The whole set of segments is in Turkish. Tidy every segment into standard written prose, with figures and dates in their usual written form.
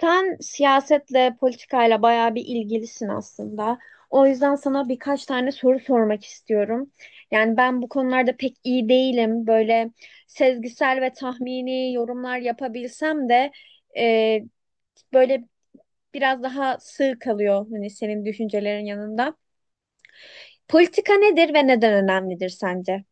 Sen siyasetle, politikayla bayağı bir ilgilisin aslında. O yüzden sana birkaç tane soru sormak istiyorum. Yani ben bu konularda pek iyi değilim. Böyle sezgisel ve tahmini yorumlar yapabilsem de e, böyle biraz daha sığ kalıyor hani senin düşüncelerin yanında. Politika nedir ve neden önemlidir sence?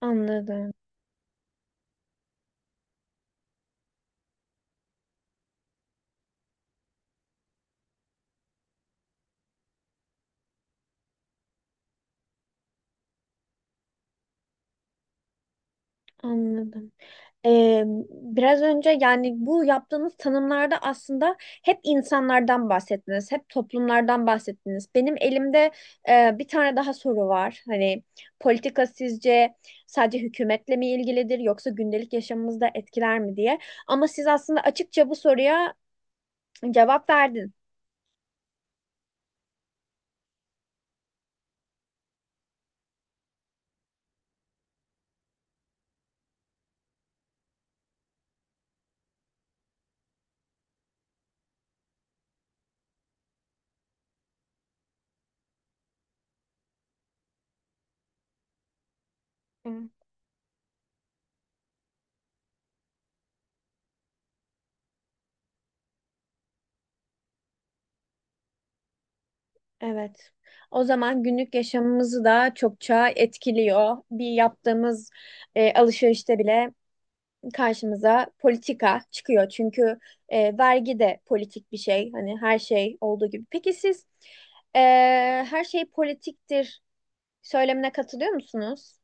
Anladım, anladım. Ee, Biraz önce yani bu yaptığınız tanımlarda aslında hep insanlardan bahsettiniz, hep toplumlardan bahsettiniz. Benim elimde bir tane daha soru var. Hani politika sizce sadece hükümetle mi ilgilidir yoksa gündelik yaşamımızda etkiler mi diye. Ama siz aslında açıkça bu soruya cevap verdin. Evet. Evet. O zaman günlük yaşamımızı da çokça etkiliyor. Bir yaptığımız alışverişte bile karşımıza politika çıkıyor. Çünkü vergi de politik bir şey. Hani her şey olduğu gibi. Peki siz e, her şey politiktir söylemine katılıyor musunuz?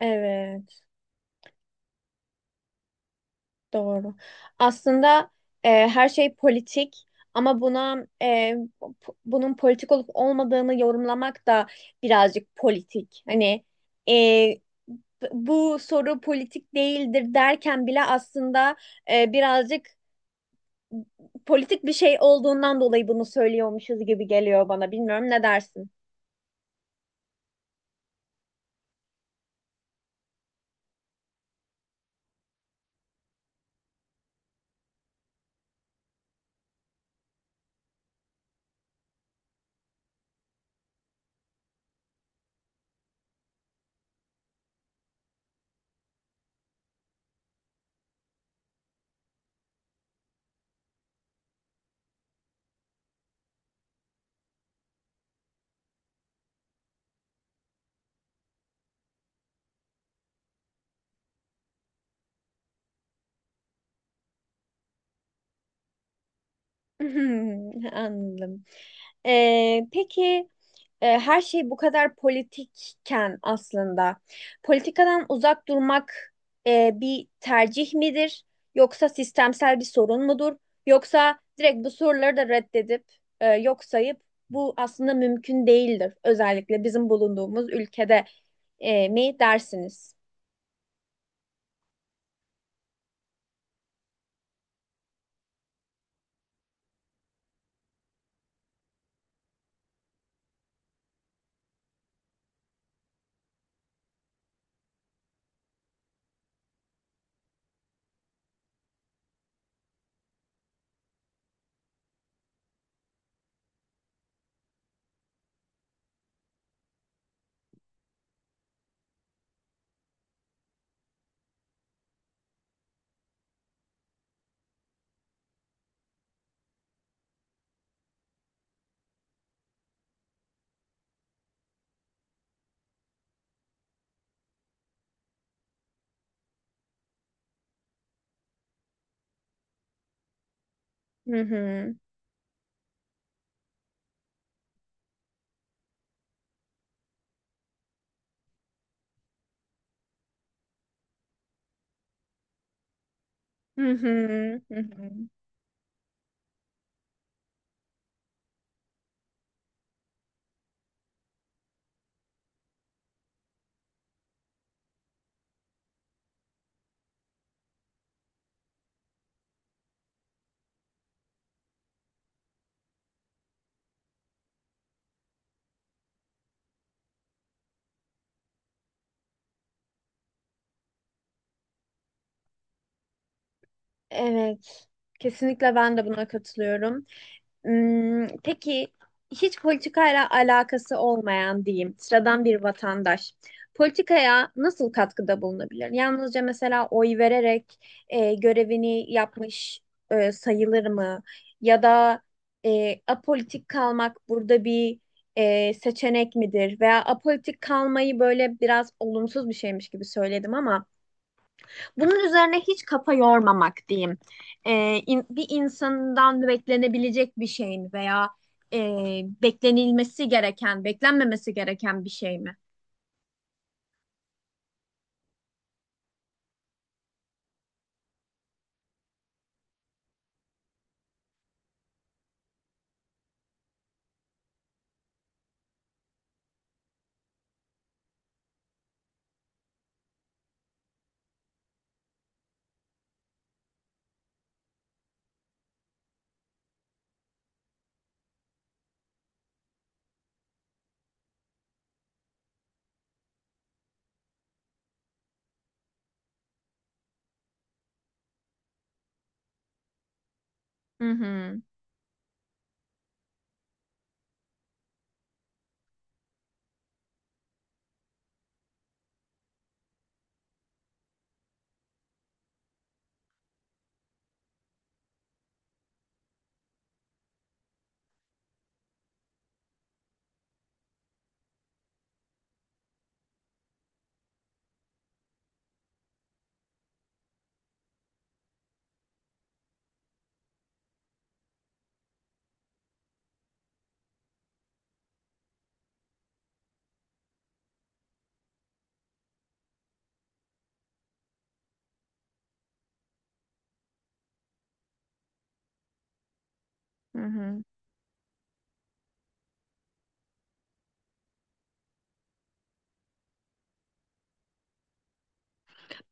Evet, doğru. Aslında her şey politik ama buna bunun politik olup olmadığını yorumlamak da birazcık politik. Hani e, bu soru politik değildir derken bile aslında birazcık politik bir şey olduğundan dolayı bunu söylüyormuşuz gibi geliyor bana. Bilmiyorum ne dersin? Anladım. Peki her şey bu kadar politikken aslında politikadan uzak durmak bir tercih midir? Yoksa sistemsel bir sorun mudur? Yoksa direkt bu soruları da reddedip yok sayıp bu aslında mümkün değildir. Özellikle bizim bulunduğumuz ülkede mi dersiniz? Hı hı. Hı hı, hı hı. Evet. Kesinlikle ben de buna katılıyorum. Hmm, peki hiç politikayla alakası olmayan diyeyim sıradan bir vatandaş politikaya nasıl katkıda bulunabilir? Yalnızca mesela oy vererek görevini yapmış sayılır mı? Ya da apolitik kalmak burada bir seçenek midir? Veya apolitik kalmayı böyle biraz olumsuz bir şeymiş gibi söyledim ama bunun üzerine hiç kafa yormamak diyeyim. Bir insandan beklenebilecek bir şey mi veya e, beklenilmesi gereken, beklenmemesi gereken bir şey mi? Hı hı, hı hı.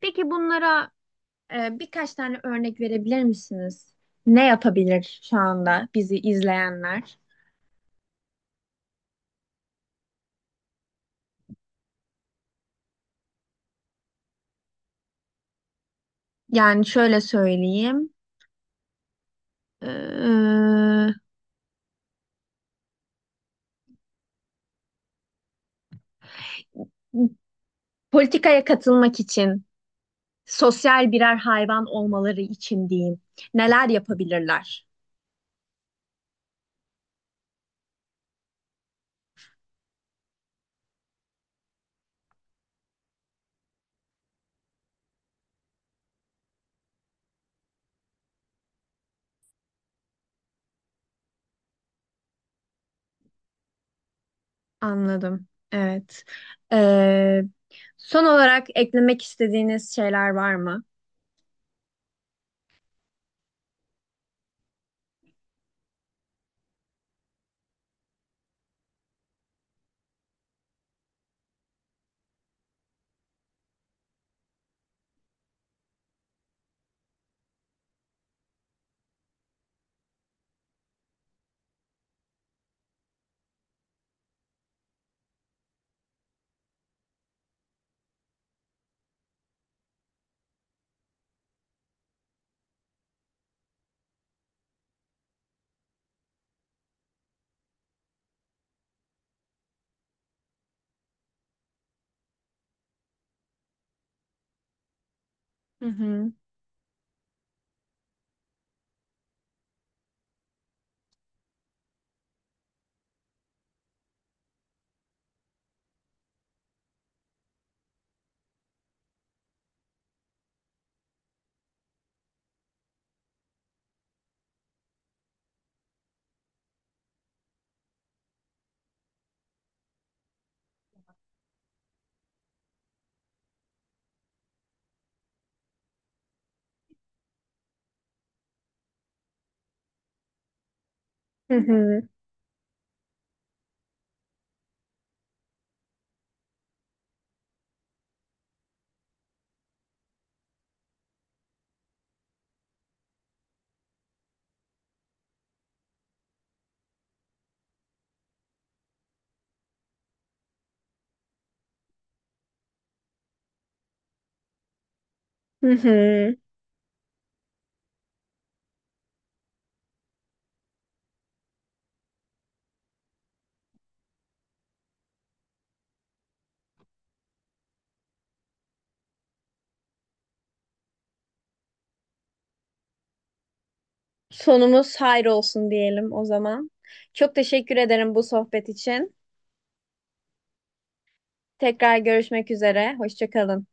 Peki bunlara birkaç tane örnek verebilir misiniz? Ne yapabilir şu anda bizi izleyenler? Yani şöyle söyleyeyim. Ee, Politikaya katılmak için sosyal birer hayvan olmaları için diyeyim. Neler yapabilirler? Anladım. Evet. Ee, Son olarak eklemek istediğiniz şeyler var mı? Hı hı. Hı hı. Hı hı. Sonumuz hayır olsun diyelim o zaman. Çok teşekkür ederim bu sohbet için. Tekrar görüşmek üzere. Hoşça kalın.